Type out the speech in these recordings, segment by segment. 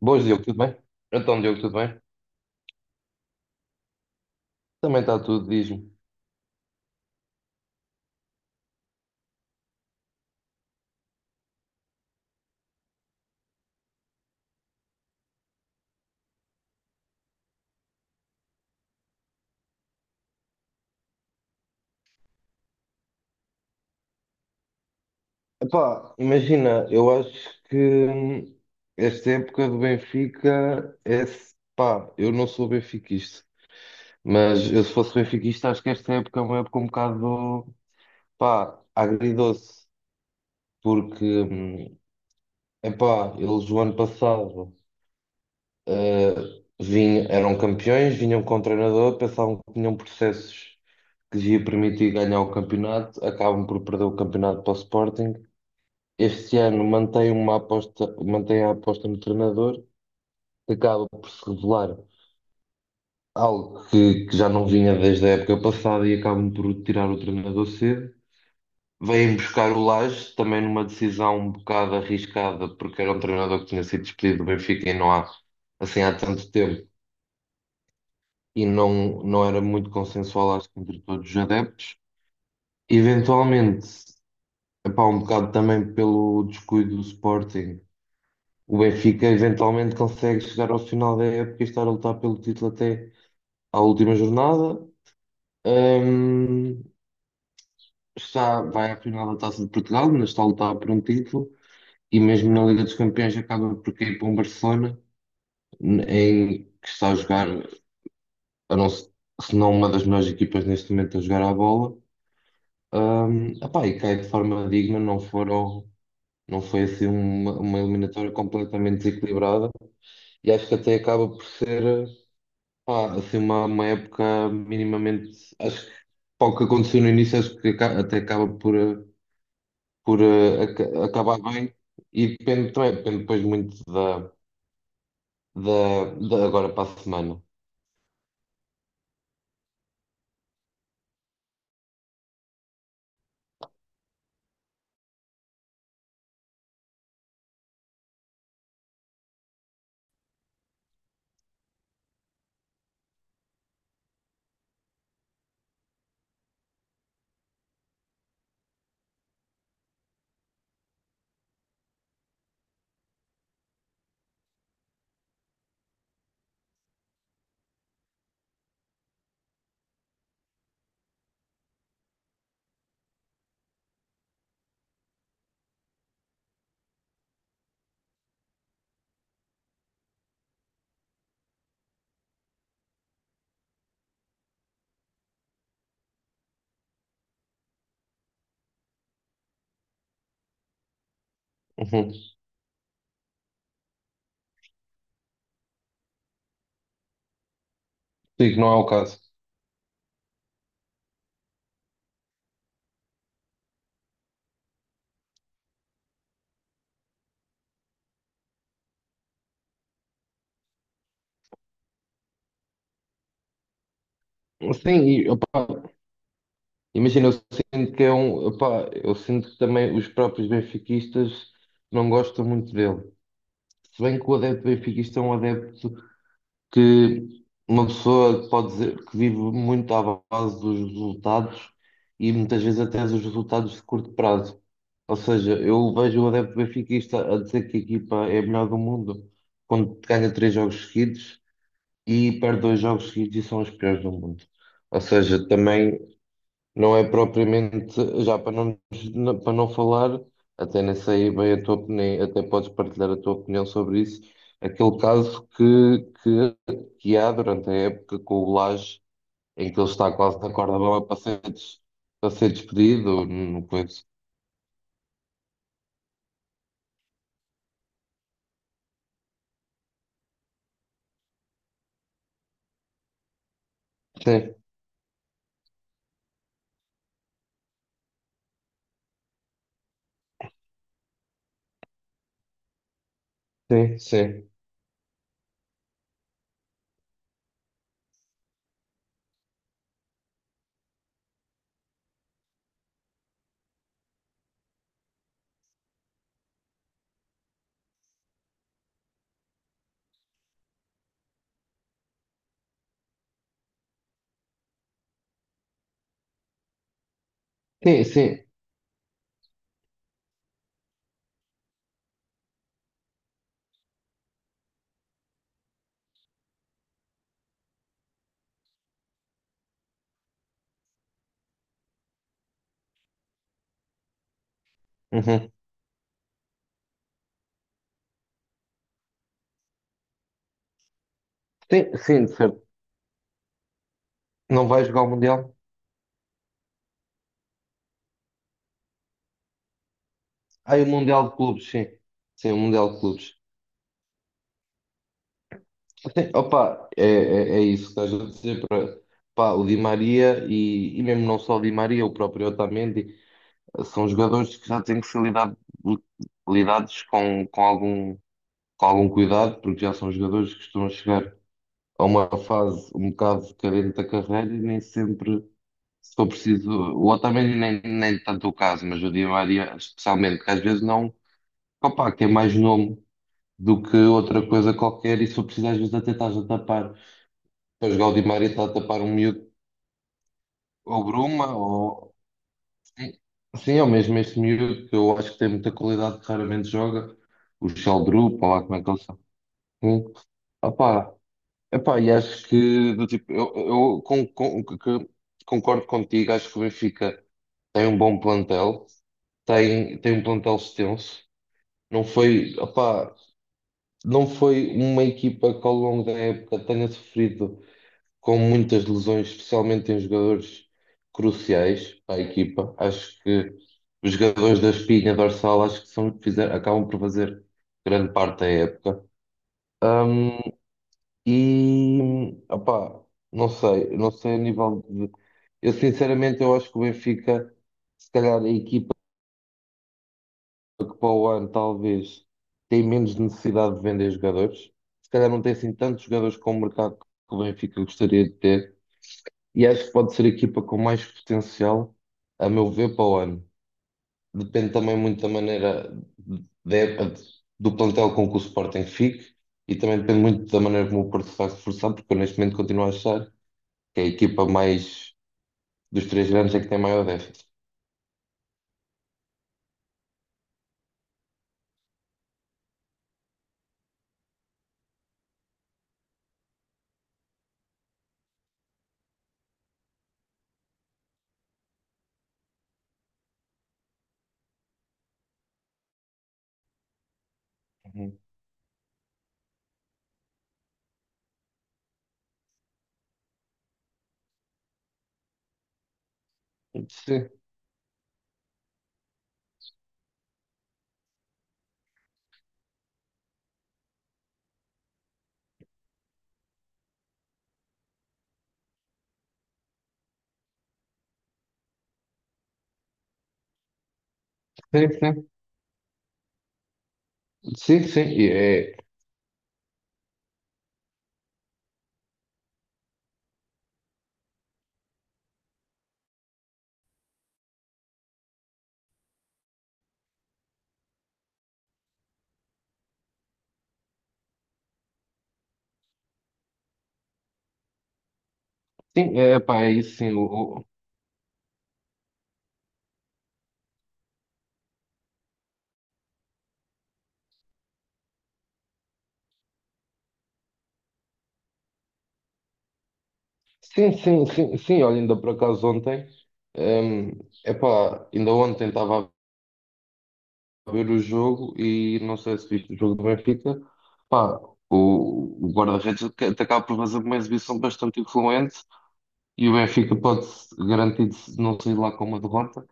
Boas, Diogo, tudo bem? Então, Diogo, tudo bem? Também está tudo, diz-me. Epá, imagina, eu acho que hum, esta época do Benfica é. Pá, eu não sou benfiquista, mas eu se fosse benfiquista, acho que esta época é uma época um bocado, pá, agridoce, porque, epá, eles o ano passado eh, vinham, eram campeões, vinham com o treinador, pensavam que tinham processos que lhe ia permitir ganhar o campeonato, acabam por perder o campeonato para o Sporting. Este ano mantém uma aposta, mantém a aposta no treinador, que acaba por se revelar algo que já não vinha desde a época passada, e acabam por tirar o treinador cedo. Vêm buscar o Lage, também numa decisão um bocado arriscada, porque era um treinador que tinha sido despedido do Benfica e não há, assim, há tanto tempo, e não era muito consensual, acho que entre todos os adeptos. Eventualmente. Epá, um bocado também pelo descuido do Sporting. O Benfica eventualmente consegue chegar ao final da época e estar a lutar pelo título até à última jornada. Hum, está, vai à final da Taça de Portugal, mas está a lutar por um título, e mesmo na Liga dos Campeões acaba por cair para um Barcelona em que está a jogar, a não, se não uma das melhores equipas neste momento a jogar à bola. Epá, e cai de forma digna, não foram, não foi assim uma, eliminatória completamente desequilibrada. E acho que até acaba por ser, pá, assim, uma época minimamente. Acho que para o que aconteceu no início, acho que até acaba acabar bem. E depende também, depende depois muito da agora para a semana. Uhum. Sim, que não é o caso. Sim, e, opá, imagina, eu sinto que é um. Opá, eu sinto que também os próprios benfiquistas não gostam muito dele. Se bem que o adepto benfiquista é um adepto que uma pessoa pode dizer que vive muito à base dos resultados e muitas vezes até dos resultados de curto prazo. Ou seja, eu vejo o adepto benfiquista a dizer que a equipa é a melhor do mundo quando ganha três jogos seguidos e perde dois jogos seguidos e são os piores do mundo. Ou seja, também não é propriamente, já para não, para não falar, até nem sei bem a tua opinião, até podes partilhar a tua opinião sobre isso, aquele caso que, que há durante a época com o Lage, em que ele está quase na corda bamba para ser, para ser despedido, não coisa. Sim, sim, sim. Sim, sim. Uhum. Sim, sim, de certo. Não vai jogar o Mundial? Ah, e o Mundial de Clubes, sim. Sim, o Mundial de Clubes. Sim. Opa, é, é isso que estás a dizer. Pá, o Di Maria e mesmo não só o Di Maria, o próprio Otamendi, são jogadores que já têm que ser lidados com algum cuidado, porque já são jogadores que estão a chegar a uma fase um bocado carente da carreira, e nem sempre, se for preciso, o Otamendi nem tanto o caso, mas o Di Maria especialmente, que às vezes não, opa, que é mais nome do que outra coisa qualquer, e se for preciso às vezes até estás a tapar. Pois Gaudimar está a tapar um miúdo, ou Bruma, ou. Sim, sim, ou mesmo este miúdo que eu acho que tem muita qualidade, que raramente joga. O Sheldrup, ou lá como é que eles são. Sim. Opá, epá, e acho que, do tipo, eu concordo contigo, acho que o Benfica tem um bom plantel, tem um plantel extenso. Não foi, opá, não foi uma equipa que ao longo da época tenha sofrido com muitas lesões, especialmente em jogadores cruciais para a equipa. Acho que os jogadores da espinha dorsal, acho que são, acabam por fazer grande parte da época. Ahm, e opá, não sei, não sei a nível de. Eu sinceramente eu acho que o Benfica, se calhar a equipa que para o ano talvez tem menos necessidade de vender jogadores. Se calhar não tem assim tantos jogadores com o mercado que o Benfica gostaria de ter. E acho que pode ser a equipa com mais potencial, a meu ver, para o ano. Depende também muito da maneira de- do plantel com que o Sporting fique, e também depende muito da maneira como o Porto se vai reforçar, porque eu neste momento continuo a achar que a equipa mais dos três grandes é que tem maior déficit. Uhum. Sim, sim, sim, sim, sim, e é, sim, é, pá, é isso, sim, o, sim, sim, sim, sim, olha, ainda por acaso ontem, hum, epá, ainda ontem estava a ver o jogo, e não sei se viste o jogo do Benfica, pá, o guarda-redes acaba por fazer uma exibição bastante influente, e o Benfica pode garantir não sair lá com uma derrota,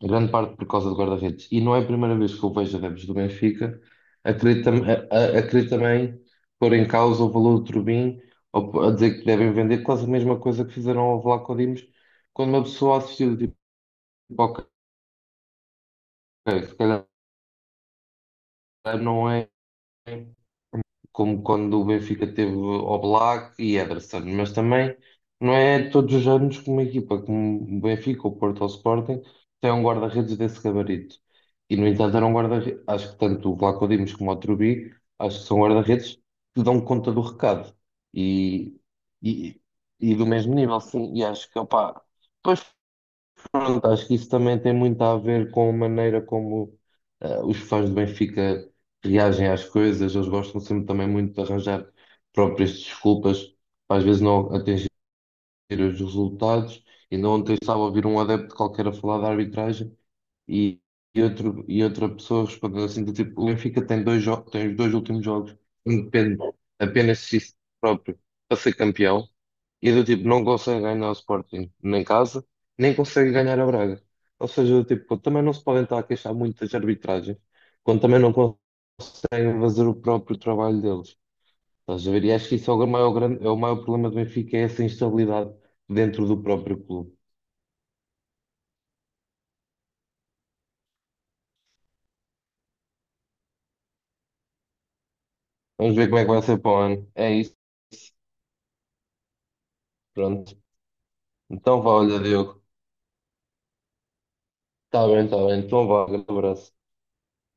em grande parte por causa do guarda-redes. E não é a primeira vez que eu vejo adeptos do Benfica a querer também pôr em causa o valor do Trubin, ou a dizer que devem vender, quase a mesma coisa que fizeram ao Vlaco Dimos, quando uma pessoa assistiu, tipo, ok, se calhar não é, como quando o Benfica teve Oblak e Ederson, mas também não é todos os anos que uma equipa como o Benfica, o Porto ou o Sporting tem um guarda-redes desse gabarito. E no entanto era um guarda-redes, acho que tanto o Vlaco Dimos como o Trubi, acho que são guarda-redes que dão conta do recado e, e, e do mesmo nível, sim, e acho que opá, pois. Pronto, acho que isso também tem muito a ver com a maneira como os fãs do Benfica reagem às coisas. Eles gostam sempre também muito de arranjar próprias desculpas para às vezes não atingir os resultados. Ainda ontem estava a ouvir um adepto qualquer a falar da arbitragem e, e outra pessoa respondeu assim do tipo, o Benfica tem dois jogos, tem os dois últimos jogos, depende apenas de si próprio para ser campeão. E do tipo, não consegue ganhar o Sporting nem em casa, nem consegue ganhar a Braga. Ou seja, do tipo, também não se podem estar a queixar muito das arbitragens, quando também não conseguem fazer o próprio trabalho deles. Estás a ver? E acho que isso é o maior, grande, é o maior problema do Benfica, é essa instabilidade dentro do próprio clube. Vamos ver como é que vai ser para o ano. É isso, pronto. Então vá, olha, Diogo. Está bem, está bem. Então vá, grande abraço.